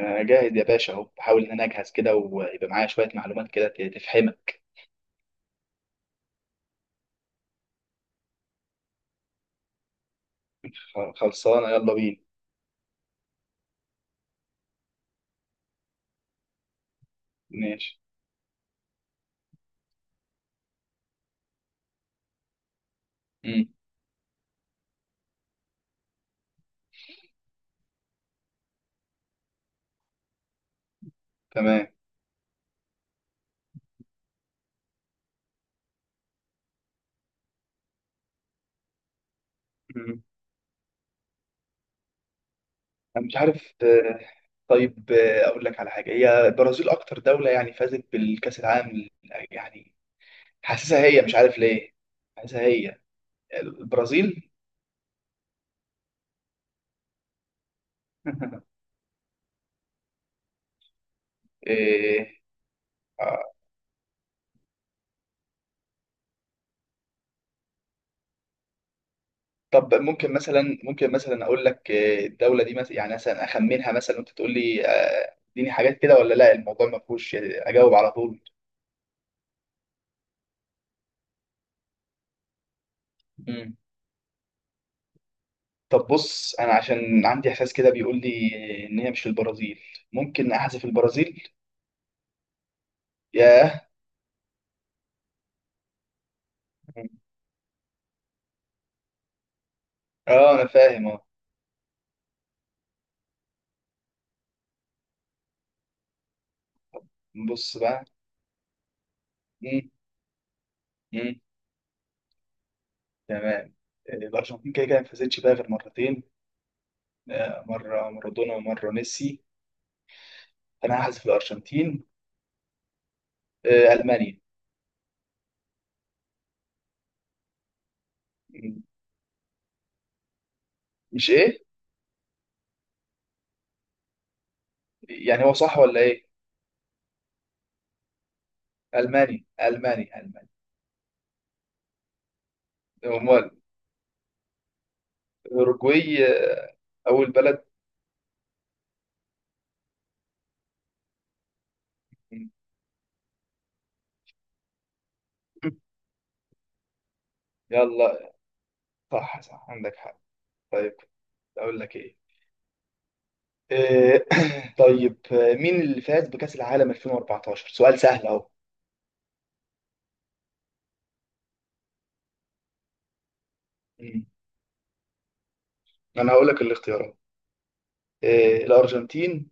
أنا جاهز يا باشا، أهو بحاول إن أنا أجهز كده ويبقى معايا شوية معلومات كده تفهمك. خلصانة، يلا بينا. ماشي. مم. تمام. مم. أنا مش عارف. طيب، أقول لك على حاجة. هي البرازيل أكتر دولة يعني فازت بالكأس العالم يعني، حاسسها هي، مش عارف ليه، حاسسها هي البرازيل. إيه، آه. طب، ممكن مثلا أقول لك الدولة دي مثلا، يعني مثلا أخمنها مثلا، وأنت تقول لي اديني حاجات كده ولا لا. الموضوع ما فيهوش اجاوب على طول. مم. طب بص، انا عشان عندي احساس كده بيقول لي ان هي مش البرازيل. ممكن احذف البرازيل. ياه. مم. اه، انا فاهم، اه. بص بقى. مم. مم. تمام. الارجنتين كده كده ما فازتش بقى غير مرتين. مره مارادونا ومره ميسي، فانا هحذف الارجنتين. المانيا. مم. مش ايه؟ يعني هو صح ولا ايه؟ المانيا، المانيا، المانيا. امال اوروجواي. اول بلد. مم. يلا. صح صح، عندك حق. طيب كنت اقول لك ايه، آه، طيب، مين اللي فاز بكأس العالم 2014؟ سؤال سهل اهو. مم. انا هقول لك الاختيارات. الارجنتين،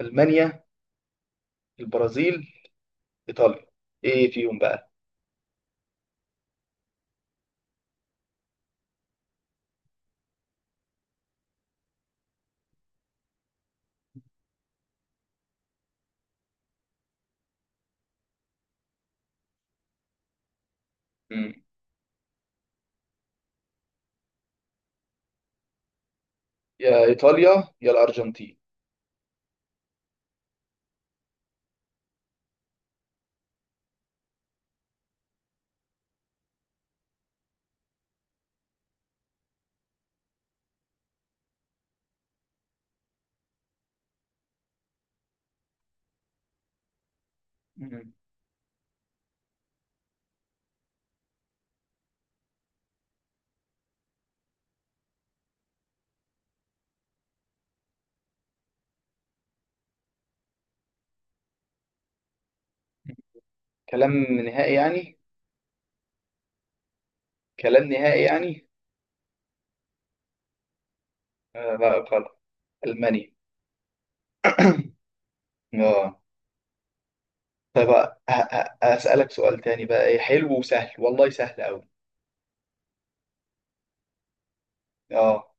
المانيا، البرازيل، ايطاليا، ايه فيهم بقى؟ مم. يا ايطاليا يا الارجنتين. مم. كلام نهائي يعني؟ كلام نهائي يعني؟ لا غلط. المانيا. اه. طيب، هسألك سؤال تاني بقى، ايه حلو وسهل، والله سهل قوي. اه،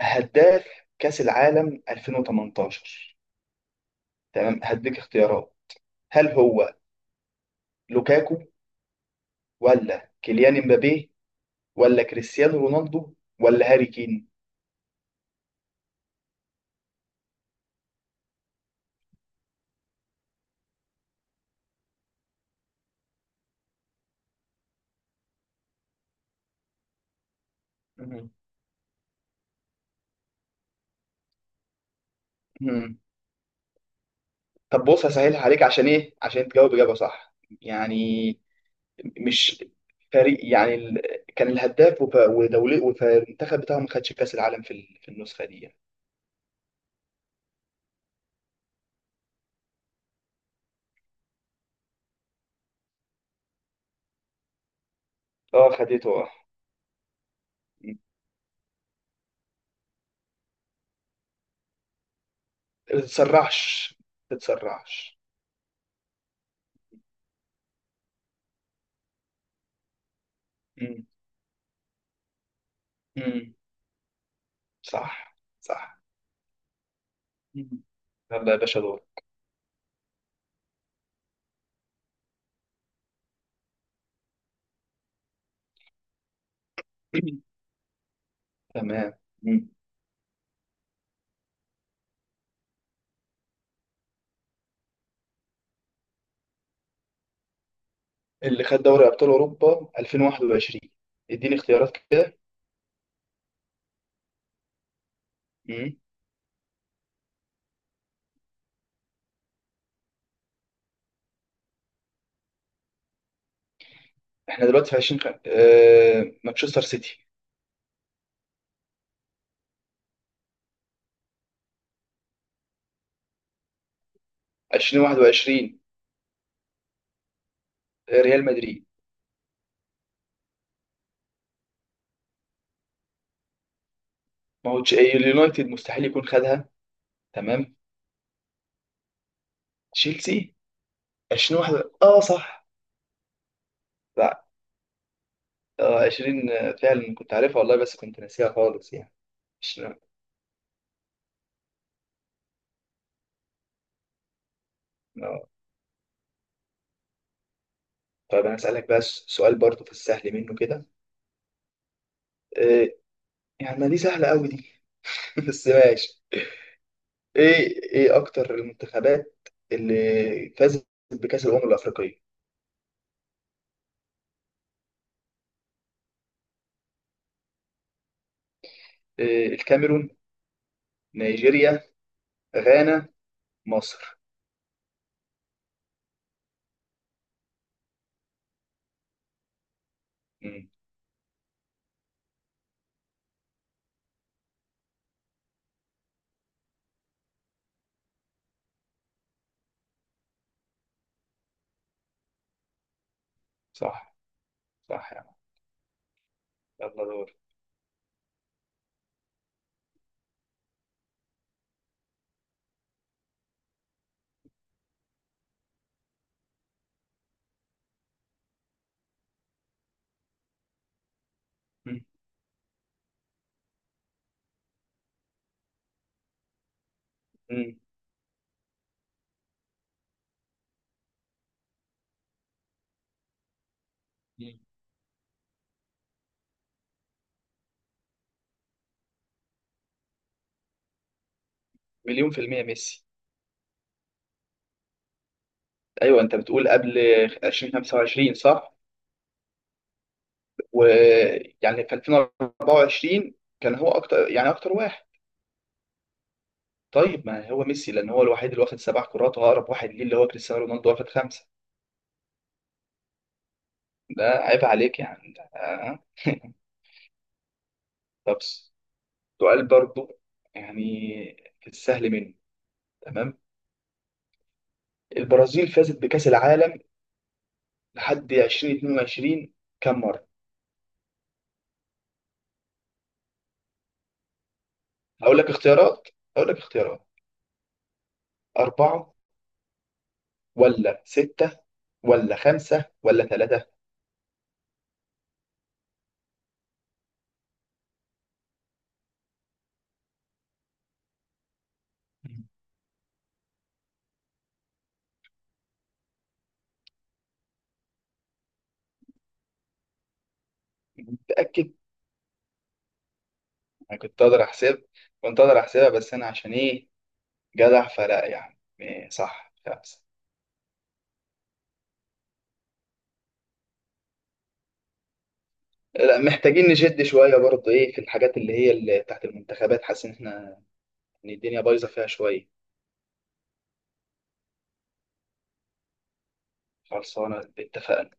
هداف كأس العالم 2018. تمام، هديك اختيارات. هل هو لوكاكو، ولا كيليان امبابي، ولا كريستيانو رونالدو، ولا هاري كين؟ مم. مم. طب بص، هسهلها عليك. عشان ايه؟ عشان تجاوب اجابه صح. يعني مش فريق يعني ال... كان الهداف ودولي، والمنتخب بتاعه ما خدش كاس العالم في في النسخه دي. اه خدته، اه. مم. ما تتسرعش، ما تتسرعش. مم. مم. صح صح. مم. يلا يا باشا دور. تمام. اللي خد دوري ابطال اوروبا 2021؟ اديني اختيارات كده. مم. احنا دلوقتي في 20 مانشستر سيتي. 2021، ريال مدريد. ما هو اليونايتد مستحيل يكون خدها. تمام، تشيلسي 2021، اه صح. لا 20 فعلا كنت عارفها والله، بس كنت ناسيها خالص يعني. 20 آه. طيب انا اسالك بقى سؤال برضه في السهل منه كده. آه... يعني ما دي سهله قوي دي. بس ماشي. ايه اكتر المنتخبات اللي فازت بكأس الأمم الأفريقية؟ إيه، الكاميرون، نيجيريا، غانا، مصر. مم. صح صح يا عم، يلا دور. مم. مم. مم. مليون في المية ميسي. أيوة، أنت بتقول قبل 2025 صح؟ ويعني في 2024 كان هو أكتر، يعني أكتر واحد. طيب، ما هو ميسي، لأن هو الوحيد اللي واخد سبع كرات، وأقرب واحد ليه اللي هو كريستيانو رونالدو، واخد خمسة. ده عيب عليك يعني. طب سؤال برضو، يعني في السهل منه. تمام. البرازيل فازت بكأس العالم لحد 2022 كم مرة؟ هقول لك اختيارات هقول لك اختيارات. أربعة، ولا ستة، ولا خمسة، ولا ثلاثة؟ متأكد؟ أنا كنت أقدر أحسبها، بس أنا عشان إيه؟ جدع، فلا يعني إيه، صح خمسة. لا، محتاجين نشد شوية برضه. إيه في الحاجات اللي هي اللي تحت المنتخبات، حاسس إن الدنيا بايظة فيها شوية. خلصانة، اتفقنا.